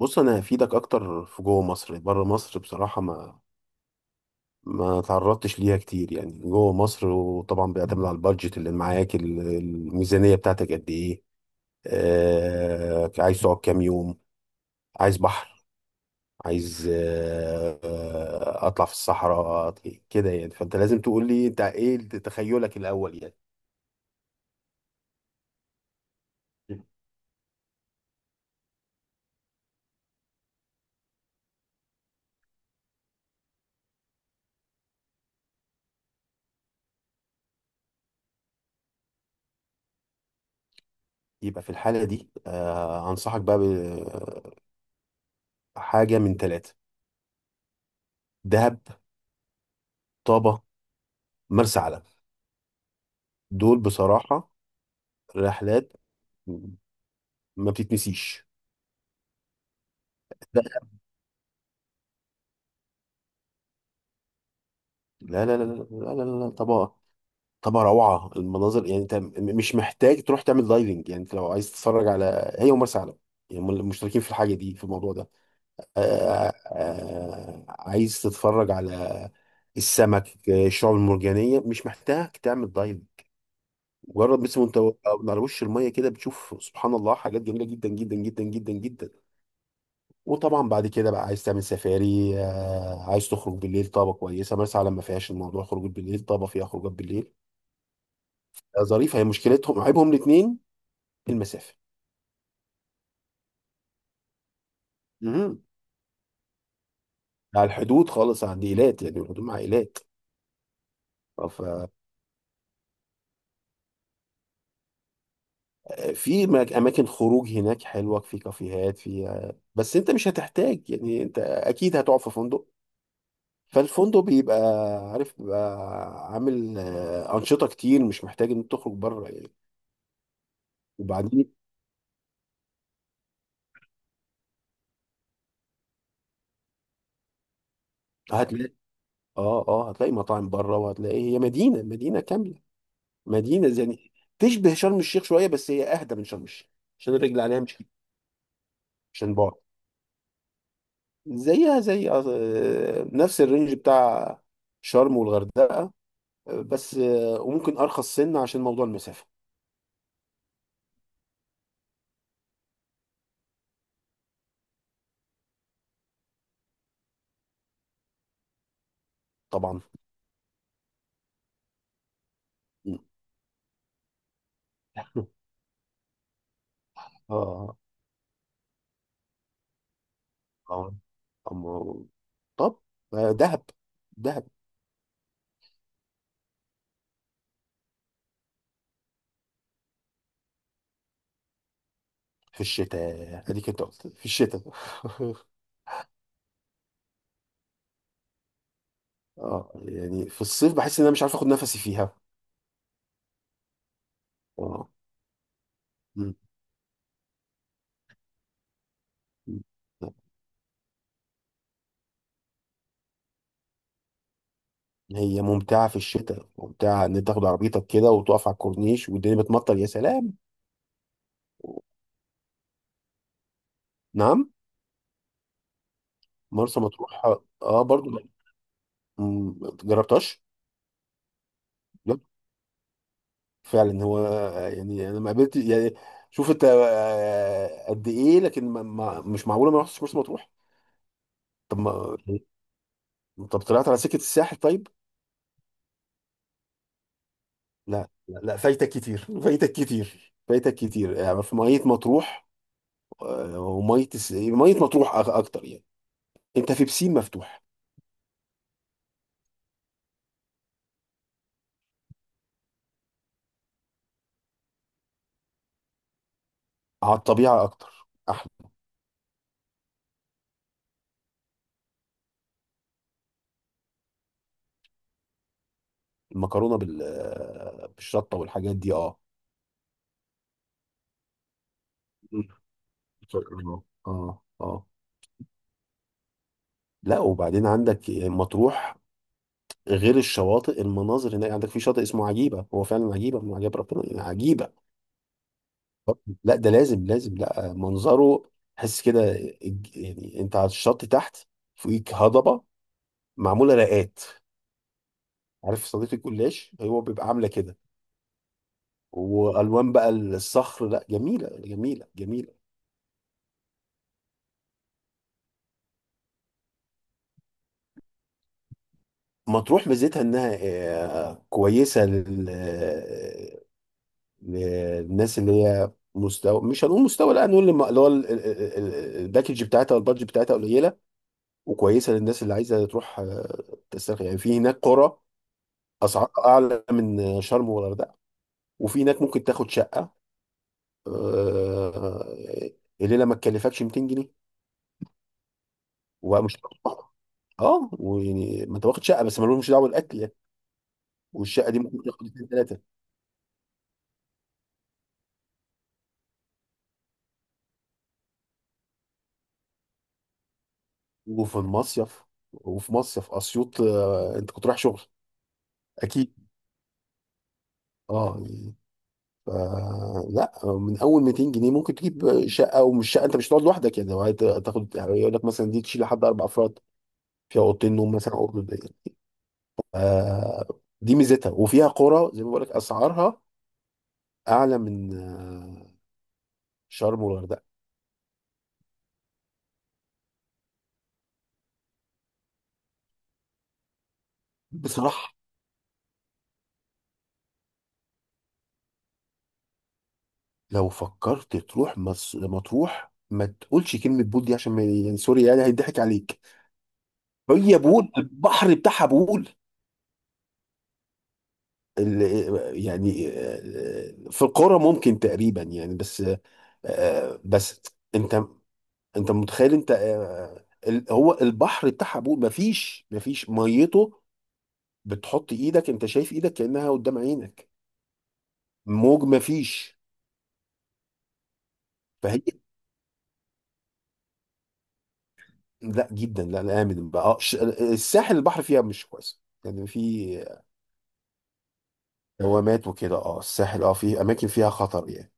بص، انا هفيدك اكتر في جوه مصر. يعني بره مصر بصراحه ما تعرضتش ليها كتير، يعني جوه مصر. وطبعا بيعتمد على البادجت اللي معاك، الميزانيه بتاعتك قد ايه؟ عايز تقعد كام يوم؟ عايز بحر؟ عايز اطلع في الصحراء، كده؟ يعني فانت لازم تقول لي انت ايه تخيلك الاول يعني. يبقى في الحاله دي انصحك بقى بحاجه من ثلاثه: دهب، طابه، مرسى علم. دول بصراحه رحلات ما بتتنسيش. لا، لا، لا، لا، لا، لا، لا. طبعا، طبعا روعة المناظر. يعني انت مش محتاج تروح تعمل دايفنج. يعني انت لو عايز تتفرج، على هي ومرسى علم، يعني هم اللي مشتركين في الحاجة دي، في الموضوع ده. آه عايز تتفرج على السمك، الشعاب المرجانية. مش محتاج تعمل دايفنج، مجرد بس وانت على وش المية كده بتشوف سبحان الله حاجات جميلة جدا جدا جدا جدا جدا. وطبعا بعد كده بقى عايز تعمل سفاري، عايز تخرج بالليل. طابة كويسة، مرسى علم ما فيهاش الموضوع خروج بالليل، طابة فيها خروجات بالليل. ظريفة. هي مشكلتهم، عيبهم الاتنين، المسافة. مهم. على الحدود خالص عند إيلات، يعني الحدود مع إيلات. ففي أماكن خروج هناك حلوة، في كافيهات، في بس أنت مش هتحتاج. يعني أنت أكيد هتقعد في فندق. فالفندق بيبقى، عارف، بيبقى عامل أنشطة كتير. مش محتاج إن أنت تخرج بره يعني. وبعدين صحيح هتلاقي. اه هتلاقي مطاعم بره، وهتلاقي هي مدينه، مدينه كامله، مدينه زي، يعني تشبه شرم الشيخ شويه. بس هي اهدى من شرم الشيخ، عشان الرجل عليها مش، عشان بعد زيها زي نفس الرينج بتاع شرم والغردقه. بس وممكن ارخص سنه عشان موضوع المسافه طبعا. م. اه اه أما- طب دهب، دهب في الشتاء، اديك انت قلت في الشتاء. اه يعني في الصيف بحس ان انا مش عارف اخد نفسي فيها، اه. هي ممتعة في الشتاء، ممتعة إن أنت تاخد عربيتك كده وتقف على الكورنيش والدنيا بتمطر، يا سلام. نعم. مرسى مطروح. أه برضو، جربتهاش. لا، فعلا هو، يعني أنا ما قابلت يعني. شوف أنت قد إيه، لكن ما مش معقولة ما رحتش مرسى مطروح. طب ما طب طلعت على سكة الساحل طيب؟ لا، لا، لا، فايتك كتير، فايتك كتير، فايتك كتير، يعني في مية مطروح. ومية مية مطروح أكتر يعني. أنت في بسين مفتوح، على الطبيعة أكتر أحلى. المكرونة بالشطة والحاجات دي، أه. مم. آه. أه، أه. لا، وبعدين عندك مطروح، غير الشواطئ، المناظر هناك. عندك في شاطئ اسمه عجيبة، هو فعلا عجيبة من عجائب ربنا، يعني عجيبة. لا، ده لازم، لازم، لا، منظره تحس كده. يعني أنت على الشط تحت، فوقيك هضبة معمولة رقات، عارف صديق الجلاش، هو بيبقى عاملة كده. وألوان بقى الصخر، لا، جميلة، جميلة، جميلة. مطروح ميزتها انها كويسه للناس اللي هي مستوى، مش هنقول مستوى، لا هنقول اللي هو الباكج بتاعتها والبادج بتاعتها قليله. وكويسه للناس اللي عايزه تروح تسترخي. يعني في هناك قرى، اسعارها اعلى من شرم والغردقه. وفي هناك ممكن تاخد شقه، آه، الليله ما تكلفكش 200 جنيه. ومش، اه، ويعني ما انت واخد شقه، بس مالهمش دعوه بالاكل يعني. والشقه دي ممكن تاخد اثنين، ثلاثه. وفي المصيف وفي مصيف اسيوط، انت كنت رايح شغل؟ اكيد. اه يعني، ف- لا، من اول 200 جنيه ممكن تجيب شقه. ومش شقه، انت مش هتقعد لوحدك يعني، لو هتاخد يقول لك مثلا دي تشيل لحد اربع افراد، فيها اوضتين نوم مثلا، او اوضه ضيقة. آه دي ميزتها، وفيها قرى زي ما بقول لك، اسعارها اعلى من شرم والغردقه بصراحه. لو فكرت تروح مطروح، ما تقولش كلمه بول دي، عشان ما يعني، سوري يعني، هيضحك عليك. هي بول، البحر بتاعها بول. يعني في القرى ممكن تقريبا يعني، بس بس انت، انت متخيل انت، هو البحر بتاعها ابوه، مفيش ميته. بتحط ايدك انت شايف ايدك كأنها قدام عينك، موج مفيش. فهي، لا، جدا، لا، لا، امن بقى، الساحل البحر فيها مش كويس، يعني في دوامات وكده. اه، الساحل، اه في اماكن فيها خطر يعني.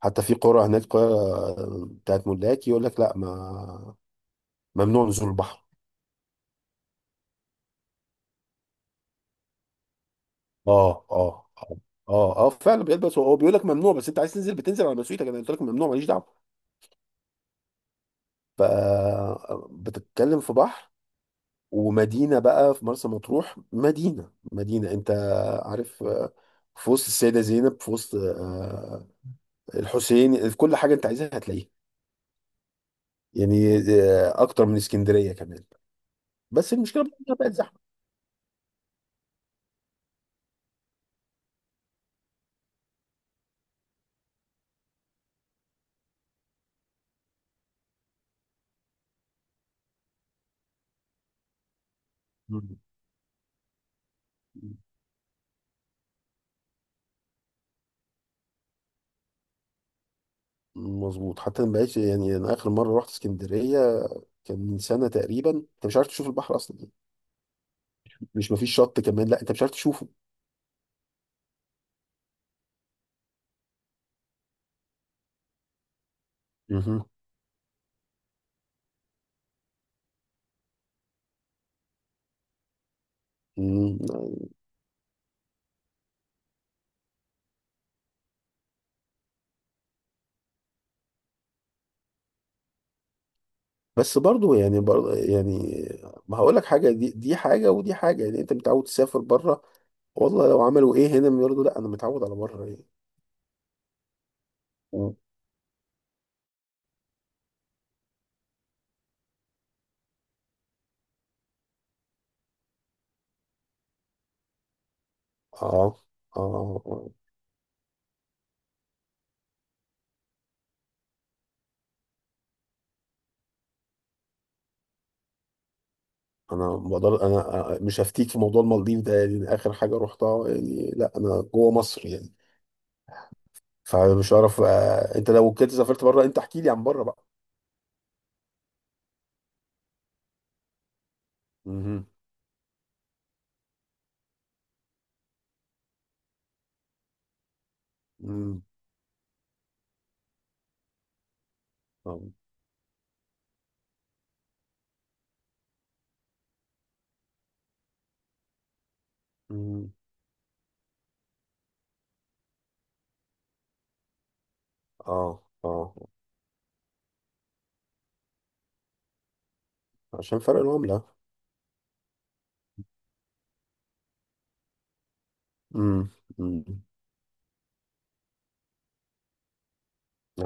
حتى في قرى، هناك قرى بتاعت ملاك يقول لك لا، ما، ممنوع نزول البحر. اه، اه، اه، اه، اه، فعلا بيلبس، هو بيقول لك ممنوع، بس انت عايز تنزل بتنزل على مسؤوليتك، انا قلت لك ممنوع ماليش دعوه. ف بتتكلم في بحر، ومدينه بقى، في مرسى مطروح مدينه، مدينه انت عارف في وسط السيده زينب، في وسط الحسين، في كل حاجه انت عايزها هتلاقيها. يعني اكتر من اسكندريه كمان. بس المشكله بقى انها بقت زحمه. مم. مظبوط، حتى ما بقتش يعني. انا اخر مره رحت اسكندريه كان من سنه تقريبا، انت مش عارف تشوف البحر اصلا. مش، مفيش شط كمان، لا انت مش عارف تشوفه. مهم. مم. بس برضو يعني، برضو يعني ما هقول لك حاجه، دي حاجه ودي حاجه. يعني انت متعود تسافر بره، والله لو عملوا ايه هنا برضو، لا انا متعود على بره يعني. اه، اه. آه. انا مش هفتيك في موضوع المالديف ده، يعني اخر حاجه رحتها يعني، لا انا جوه مصر يعني. فمش عارف. انت لو كنت سافرت بره، انت احكي لي عن بره بقى. مهم. مم. اه. مم. اه. آه. عشان فرق العمله. امم. أمم.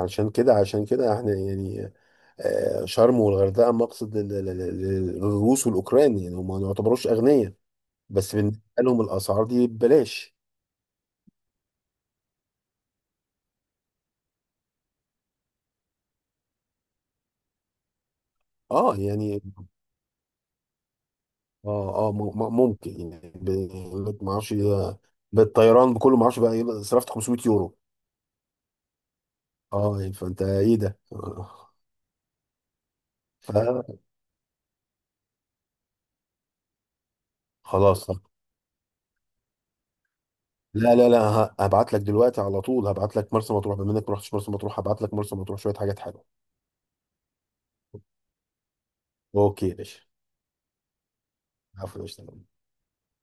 عشان كده احنا يعني شرم والغردقه مقصد للروس والاوكران. يعني هم ما يعتبروش اغنياء، بس بالنسبه لهم الاسعار دي ببلاش. اه يعني. اه، اه، ممكن يعني، ما اعرفش، بالطيران بكله ما اعرفش بقى إيه، صرفت 500 يورو. اه يعني، فانت ايه ده. ف- خلاص. لا، لا، لا، هبعت لك دلوقتي على طول. هبعت لك مرسى مطروح، بما انك ما رحتش مرسى مطروح، هبعت لك مرسى مطروح شويه حاجات حلوه. اوكي يا باشا. عفوا يا باشا.